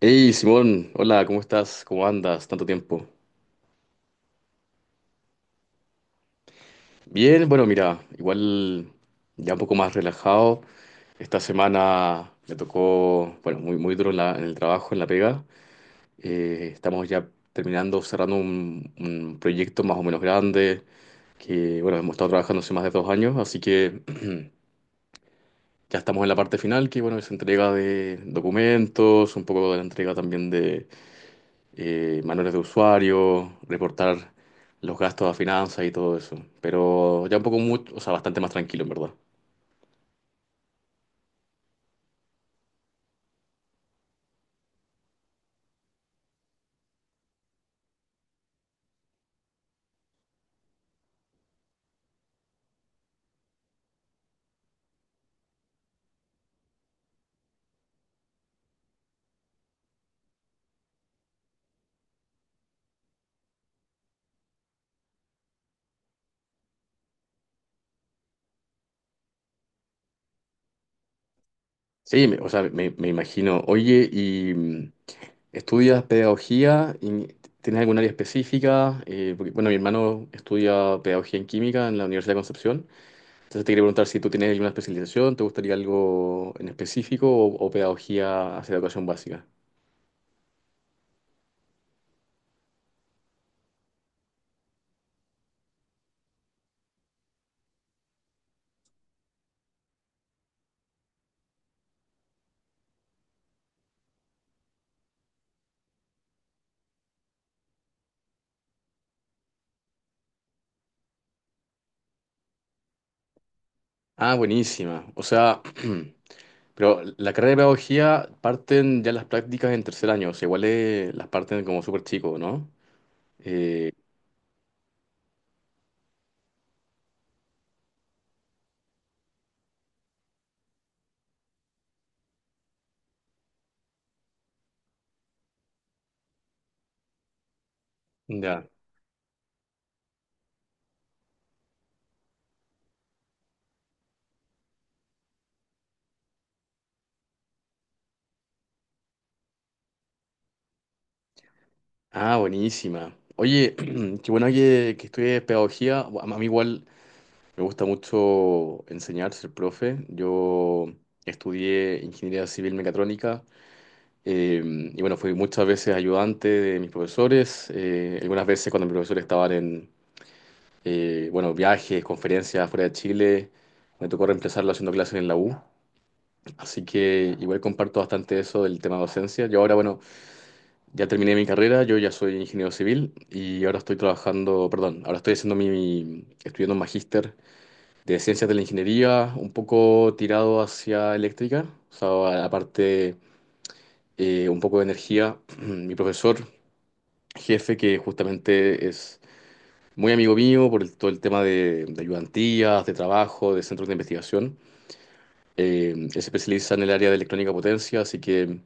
Hey Simón, hola, ¿cómo estás? ¿Cómo andas? Tanto tiempo. Bien, bueno, mira, igual ya un poco más relajado. Esta semana me tocó, bueno, muy duro en en el trabajo, en la pega. Estamos ya terminando, cerrando un proyecto más o menos grande, que, bueno, hemos estado trabajando hace más de dos años, así que ya estamos en la parte final, que, bueno, es entrega de documentos, un poco de la entrega también manuales de usuario, reportar los gastos a finanzas y todo eso. Pero ya un poco mucho, o sea, bastante más tranquilo, en verdad. Sí, o sea, me imagino. Oye, ¿y estudias pedagogía? ¿Tienes algún área específica? Porque, bueno, mi hermano estudia pedagogía en química en la Universidad de Concepción. Entonces te quería preguntar si tú tienes alguna especialización, ¿te gustaría algo en específico o pedagogía hacia educación básica? Ah, buenísima. O sea, pero la carrera de pedagogía parten ya las prácticas en tercer año, o sea, igual las parten como súper chico, ¿no? Eh, ya. Ah, buenísima. Oye, qué bueno que estudies pedagogía. A mí igual me gusta mucho enseñar, ser profe. Yo estudié ingeniería civil mecatrónica, y bueno, fui muchas veces ayudante de mis profesores, algunas veces cuando mis profesores estaban en bueno, viajes, conferencias fuera de Chile. Me tocó reemplazarlo haciendo clases en la U. Así que igual comparto bastante eso del tema docencia. Yo ahora, bueno, ya terminé mi carrera, yo ya soy ingeniero civil y ahora estoy trabajando, perdón, ahora estoy haciendo estudiando un magíster de ciencias de la ingeniería, un poco tirado hacia eléctrica, o sea, aparte un poco de energía. Mi profesor, jefe, que justamente es muy amigo mío por todo el tema de ayudantías, de trabajo, de centros de investigación. Él se especializa en el área de electrónica potencia, así que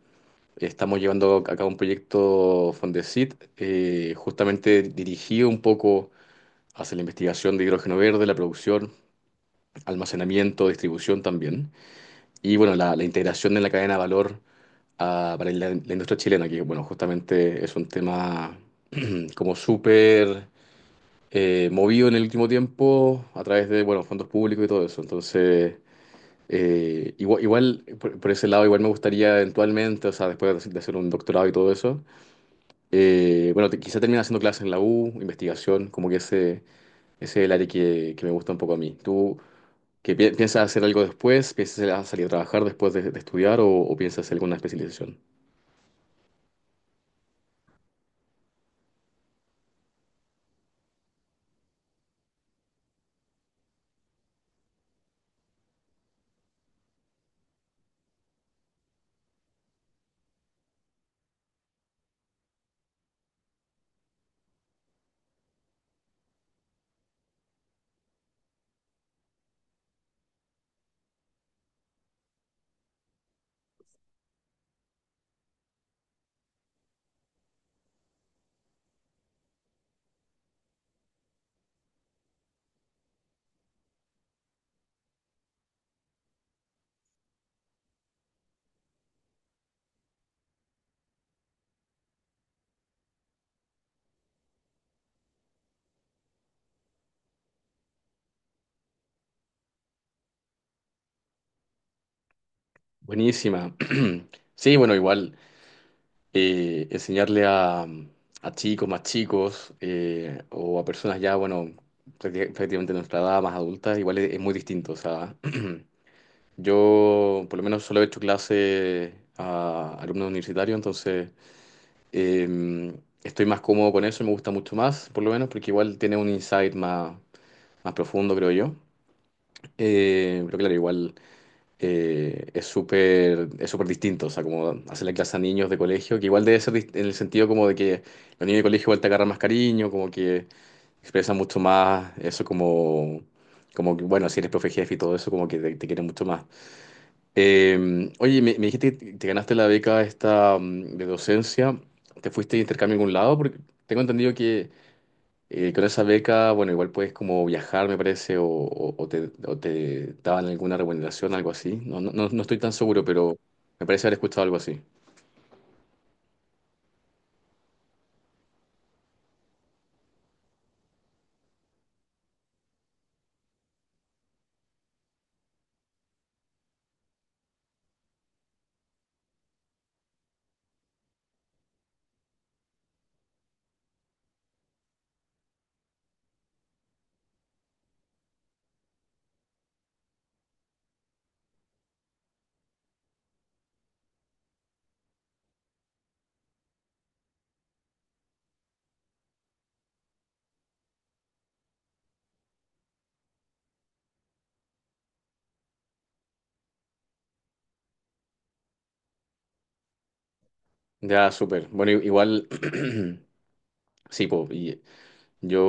estamos llevando a cabo un proyecto Fondesit, justamente dirigido un poco hacia la investigación de hidrógeno verde, la producción, almacenamiento, distribución también. Y bueno, la integración en la cadena de valor, para la industria chilena, que bueno, justamente es un tema, como súper movido en el último tiempo a través de, bueno, fondos públicos y todo eso. Entonces, igual por ese lado, igual me gustaría eventualmente, o sea, después de hacer un doctorado y todo eso, bueno, quizá termine haciendo clases en la U, investigación, como que ese es el área que me gusta un poco a mí. ¿Tú qué piensas hacer algo después? ¿Piensas a salir a trabajar después de estudiar o piensas hacer alguna especialización? Buenísima. Sí, bueno, igual. Enseñarle a chicos más chicos o a personas ya, bueno, prácticamente de nuestra edad, más adultas, igual es muy distinto. O sea, yo por lo menos solo he hecho clase a alumnos universitarios, entonces eh, estoy más cómodo con eso, me gusta mucho más, por lo menos, porque igual tiene un insight más, más profundo, creo yo. Pero claro, igual es súper distinto, o sea, como hacerle clase a niños de colegio, que igual debe ser en el sentido como de que los niños de colegio igual te agarran más cariño, como que expresan mucho más eso como, como que, bueno, si eres profe jefe y todo eso, como que te quieren mucho más. Oye, me dijiste que te ganaste la beca esta, de docencia, ¿te fuiste de intercambio a algún lado? Porque tengo entendido que con esa beca, bueno, igual puedes como viajar, me parece, o, o te daban alguna remuneración algo así. No, no, no estoy tan seguro, pero me parece haber escuchado algo así. Ya, súper. Bueno, igual, sí, po, y yo,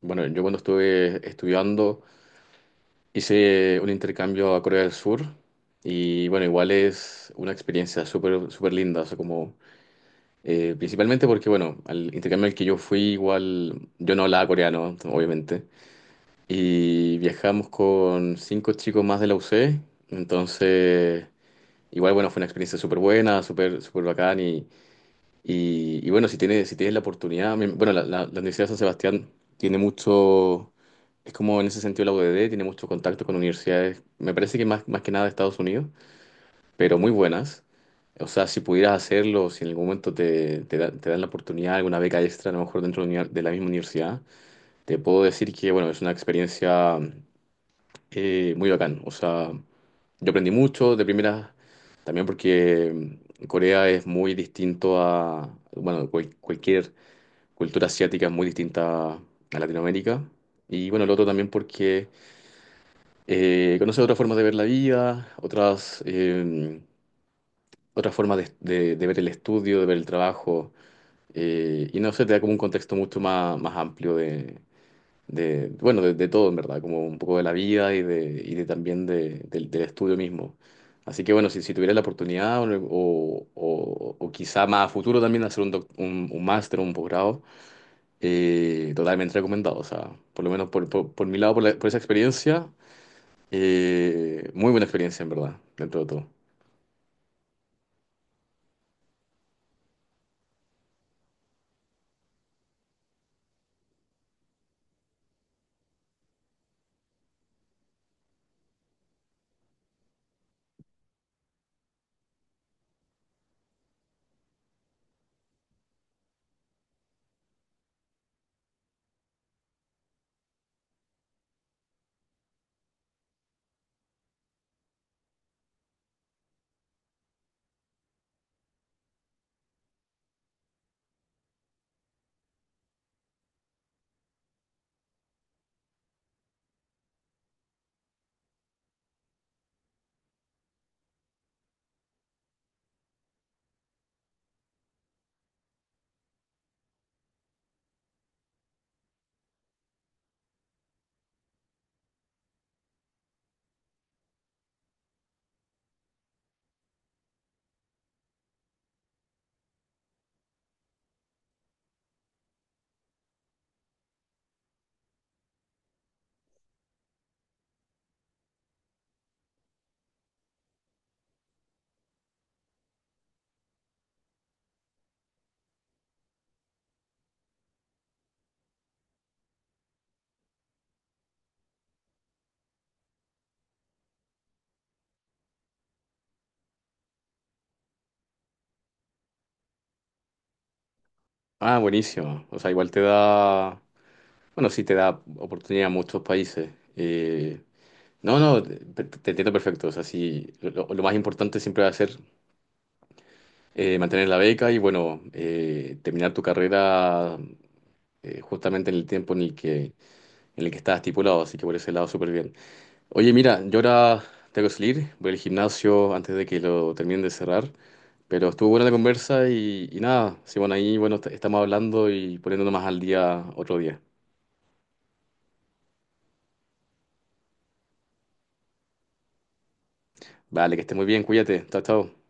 bueno, yo cuando estuve estudiando hice un intercambio a Corea del Sur y bueno, igual es una experiencia súper linda, o sea, como, principalmente porque, bueno, al intercambio al que yo fui, igual, yo no hablaba coreano, obviamente. Y viajamos con cinco chicos más de la UC. Entonces, igual, bueno, fue una experiencia súper buena, súper bacán. Y bueno, si tienes la oportunidad, bueno, la Universidad de San Sebastián tiene mucho, es como en ese sentido la UDD, tiene mucho contacto con universidades, me parece que más, más que nada de Estados Unidos, pero muy buenas. O sea, si pudieras hacerlo, si en algún momento te dan la oportunidad, alguna beca extra, a lo mejor dentro de de la misma universidad, te puedo decir que, bueno, es una experiencia muy bacán. O sea, yo aprendí mucho de primera, también porque, Corea es muy distinto a, bueno, cualquier cultura asiática es muy distinta a Latinoamérica. Y bueno, lo otro también porque conoce otras formas de ver la vida, otras, otras formas de, de ver el estudio, de ver el trabajo. Y no sé, te da como un contexto mucho más, más amplio de, bueno, de todo en verdad, como un poco de la vida y de también de, del del estudio mismo. Así que bueno, si tuviera la oportunidad o, o quizá más a futuro también hacer un, un máster o un posgrado, totalmente recomendado. O sea, por lo menos por, por mi lado, por, por esa experiencia, muy buena experiencia en verdad, dentro de todo. Ah, buenísimo. O sea, igual te da, bueno, sí te da oportunidad a muchos países. Eh, No, no, te- entiendo perfecto. O sea, sí, lo más importante siempre va a ser mantener la beca y, bueno, terminar tu carrera justamente en el tiempo en el que estás estipulado. Así que por ese lado, súper bien. Oye, mira, yo ahora tengo que salir, voy al gimnasio antes de que lo terminen de cerrar. Pero estuvo buena la conversa y nada, sí, bueno, ahí, bueno, estamos hablando y poniéndonos más al día otro día. Vale, que estés muy bien, cuídate. Chao, chao.